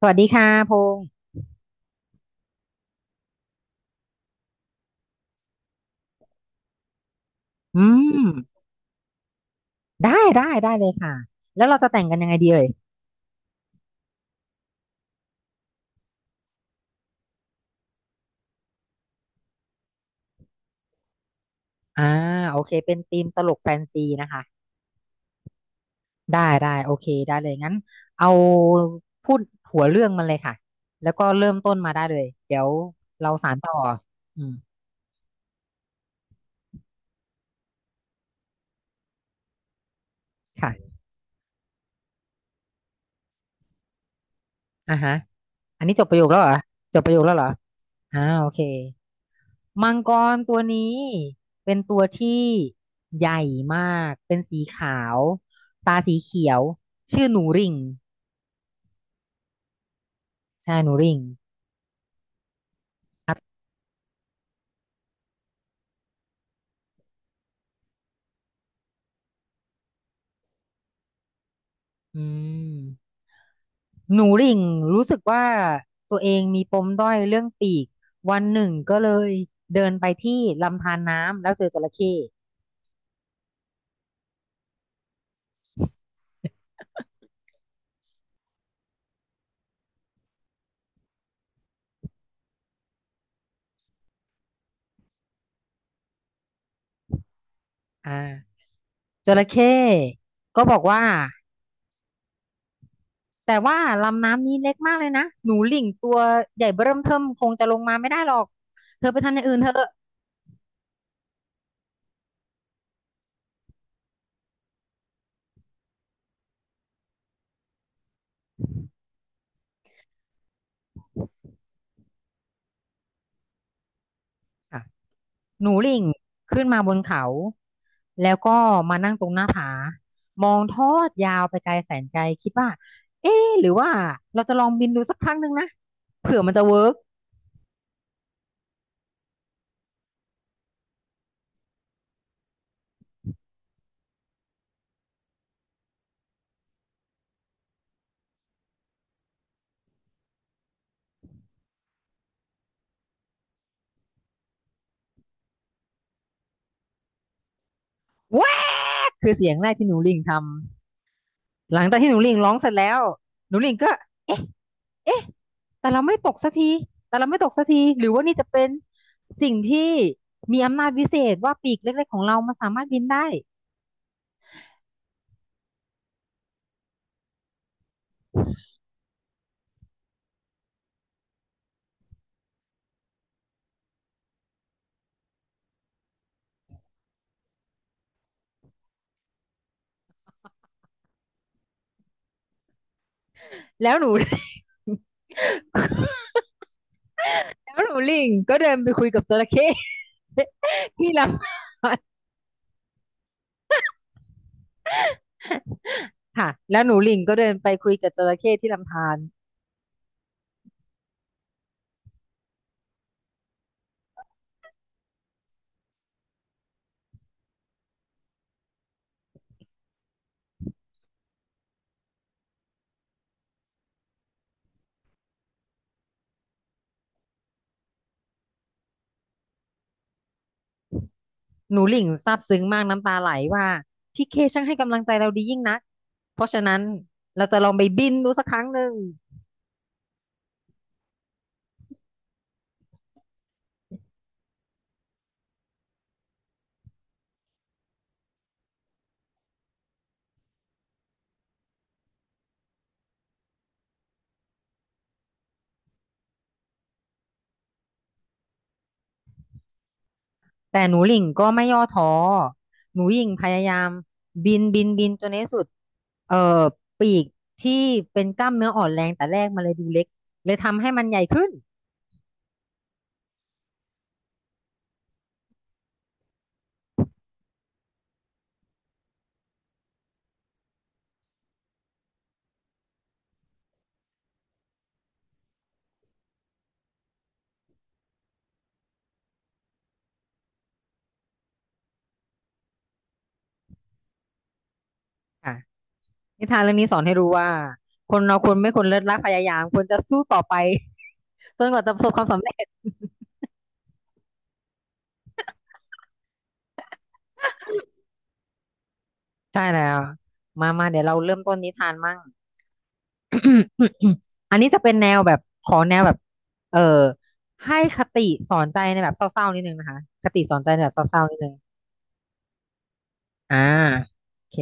สวัสดีค่ะพงษ์อืมได้เลยค่ะแล้วเราจะแต่งกันยังไงดีเอ่ยอ่าโอเคเป็นธีมตลกแฟนซีนะคะได้ได้โอเคได้เลยงั้นเอาพูดหัวเรื่องมันเลยค่ะแล้วก็เริ่มต้นมาได้เลยเดี๋ยวเราสานต่ออืมค่ะอ่าฮะอันนี้จบประโยคแล้วเหรอจบประโยคแล้วเหรออ่าโอเคมังกรตัวนี้เป็นตัวที่ใหญ่มากเป็นสีขาวตาสีเขียวชื่อหนูริ่ง ใช่หนูริ่งอืมหนูริ่งรู้สึกว่าตัวเองมีปมด้อยเรื่องปีก วันหนึ่งก็เลยเดินไปที่ลำธารน้ำแล้วเจอจระเข้อ่าจระเข้ก็บอกว่าแต่ว่าลำน้ำนี้เล็กมากเลยนะ หนูริ่งตัวใหญ่เบ้อเริ่มเทิ่มคงจะลงมาไม่ได้หรอก เธอไปทำอย่างอื่นเถอะ หนูหลิ่งขึ้นมาบนเขาแล้วก็มานั่งตรงหน้าผามองทอดยาวไปไกลแสนไกลคิดว่าเอ๊ะหรือว่าเราจะลองบินดูสักครั้งหนึ่งนะเผื่อมันจะเวิร์กแวกคือเสียงแรกที่หนูหลิ่งทำหลังจากที่หนูหลิ่งร้องเสร็จแล้วหนูหลิ่งก็เอ๊ะเอ๊ะแต่เราไม่ตกสักทีแต่เราไม่ตกสักทีหรือว่านี่จะเป็นสิ่งที่มีอำนาจวิเศษว่าปีกเล็กๆของเรามันสามารถบินได้แล้วหนู แล้วหนูหลิงก็เดินไปคุยกับจระเข้ ที่ล ค่ะแล้วหนูหลิ่งก็เดินไปคุยกับจระเข้ที่ลำธารหนูหลิ่งซาบซึ้งมากน้ำตาไหลว่าพี่เคช่างให้กำลังใจเราดียิ่งนักเพราะฉะนั้นเราจะลองไปบินดูสักครั้งหนึ่งแต่หนูหลิ่งก็ไม่ย่อท้อหนูหลิ่งพยายามบินบินบินจนในที่สุดเอ่อปีกที่เป็นกล้ามเนื้ออ่อนแรงแต่แรกมันเลยดูเล็กเลยทำให้มันใหญ่ขึ้นค่ะนิทานเรื่องนี้สอนให้รู้ว่าคนเราควรไม่ควรเลิกรักพยายามควรจะสู้ต่อไป จนกว่าจะประสบความสำเร็จ ใช่แล้ว มามาเดี๋ยวเราเริ่มต้นนิทานมั่ง อันนี้จะเป็นแนวแบบขอแนวแบบ เออ ให้คติสอนใจในแบบเศร้าๆนิดนึงนะคะ คติสอนใจในแบบเศร้าๆนิดนึง อ่าโอเค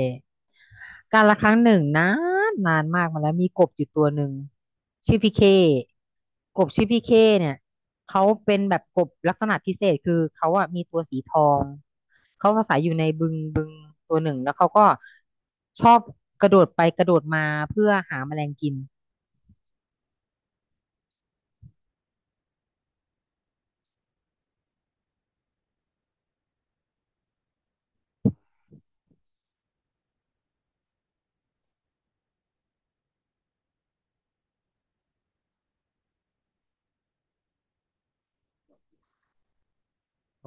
การละครั้งหนึ่งนานนานมากมาแล้วมีกบอยู่ตัวหนึ่งชื่อพี่เคกบชื่อพี่เคเนี่ยเขาเป็นแบบกบลักษณะพิเศษคือเขาอะมีตัวสีทองเขาอาศัยอยู่ในบึงบึงตัวหนึ่งแล้วเขาก็ชอบกระโดดไปกระโดดมาเพื่อหาแมลงกิน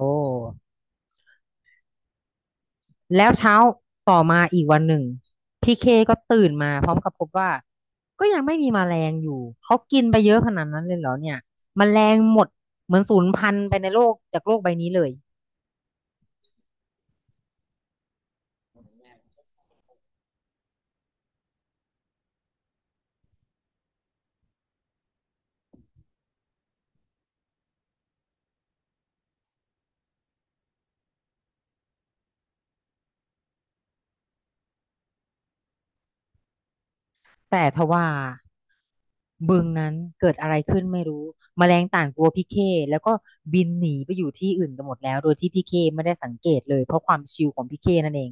โอ้ แล้วเช้าต่อมาอีกวันหนึ่งพี่เคก็ตื่นมาพร้อมกับพบว่าก็ยังไม่มีแมลงอยู่ เขากินไปเยอะขนาดนั้นเลยเหรอเนี่ยแมลงหมดเหมือนสูญพันธุ์ไปในโลกจากโลกใบนี้เลยแต่ทว่าบึงนั้นเกิดอะไรขึ้นไม่รู้แมลงต่างกลัวพี่เคแล้วก็บินหนีไปอยู่ที่อื่นกันหมดแล้วโดยที่พี่เคไม่ได้สังเกตเลยเพราะความชิลของพี่เคนั่นเอง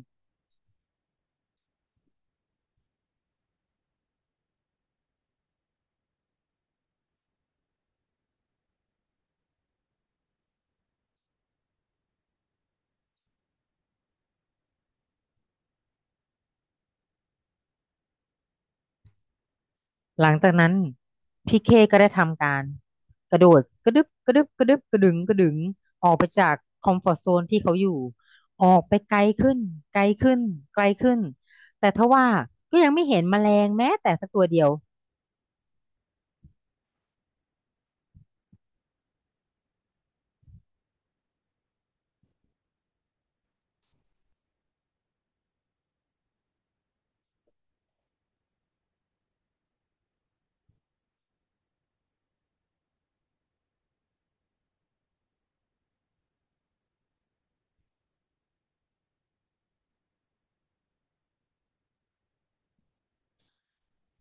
หลังจากนั้นพี่เคก็ได้ทำการกระโดดกระดึบกระดึบกระดึบกระดึงกระดึงออกไปจากคอมฟอร์ z โซนที่เขาอยู่ออกไปไกลขึ้นไกลขึ้นไกลขึ้นแต่ทว่าก็ยังไม่เห็นแมลงแม้แต่สักตัวเดียว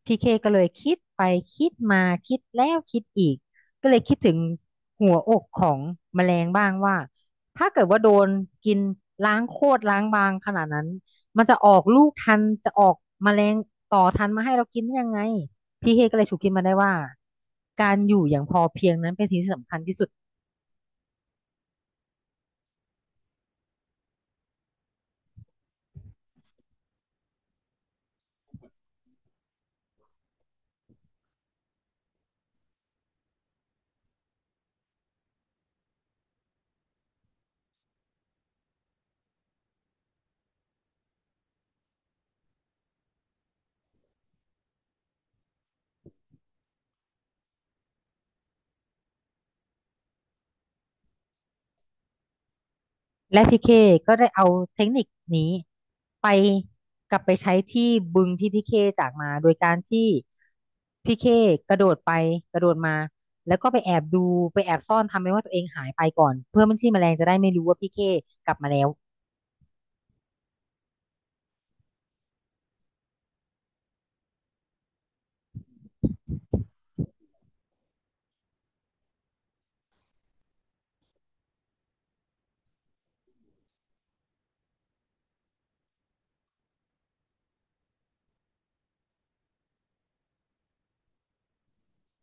พี่เคก็เลยคิดไปคิดมาคิดแล้วคิดอีกก็เลยคิดถึงหัวอกของแมลงบ้างว่าถ้าเกิดว่าโดนกินล้างโคตรล้างบางขนาดนั้นมันจะออกลูกทันจะออกแมลงต่อทันมาให้เรากินได้ยังไงพีเคก็เลยฉุกคิดมาได้ว่าการอยู่อย่างพอเพียงนั้นเป็นสิ่งที่สำคัญที่สุด และพีเคก็ได้เอาเทคนิคนี้ไปกลับไปใช้ที่บึงที่พีเคจากมาโดยการที่พีเคกระโดดไปกระโดดมาแล้วก็ไปแอบดูไปแอบซ่อนทำเป็นว่าตัวเองหายไปก่อนเพื่อมันที่แมลงจะได้ไม่รู้ว่าพีเคกลับมาแล้ว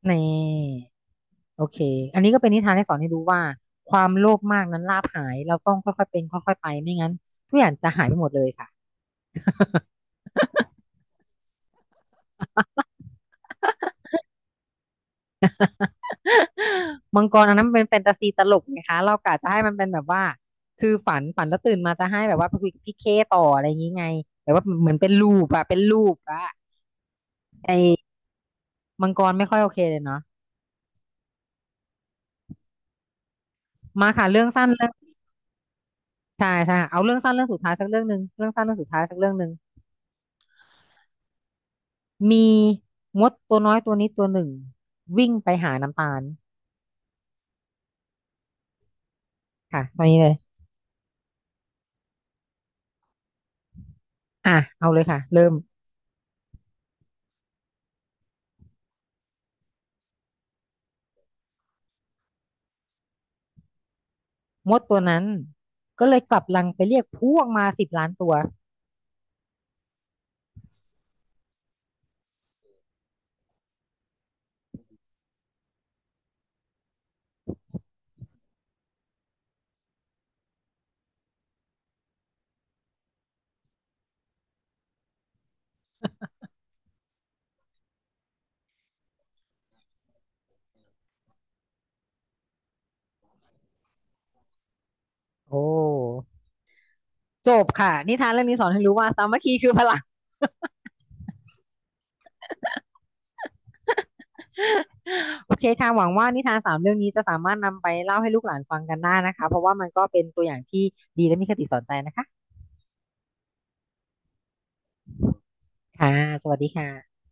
นี่โอเคอันนี้ก็เป็นนิทานที่สอนให้รู้ว่าความโลภมากนั้นลาภหายเราต้องค่อยๆเป็นค่อยๆไปไม่งั้นทุกอย่างจะหายไปหมดเลยค่ะ มังกรอันนั้นมันเป็นแฟนตาซีตลกไงคะเรากะจะให้มันเป็นแบบว่าคือฝันฝันแล้วตื่นมาจะให้แบบว่าไปคุยกับพี่เคต่ออะไรอย่างงี้ไงแบบว่าเหมือนเป็นลูปอะเป็นลูปอะไอ้มังกรไม่ค่อยโอเคเลยเนาะมาค่ะเรื่องสั้นเรื่องใช่ใช่เอาเรื่องสั้นเรื่องสุดท้ายสักเรื่องหนึ่งเรื่องสั้นเรื่องสุดท้ายสักเรื่องหนึ่งมีมดตัวน้อยตัวนี้ตัวหนึ่งวิ่งไปหาน้ำตาลค่ะตอนนี้เลยอ่ะเอาเลยค่ะเริ่มมดตัวนั้นก็เลยกลับรังไปเรียกพวกมา10,000,000ตัวโอ้ จบค่ะนิทานเรื่องนี้สอนให้รู้ว่าสามัคคีคือพลัง โอเคค่ะหวังว่านิทานสามเรื่องนี้จะสามารถนำไปเล่าให้ลูกหลานฟังกันได้นะคะเพราะว่ามันก็เป็นตัวอย่างที่ดีและมีคติสอนใจนะคะค่ะสวัสดีค่ะ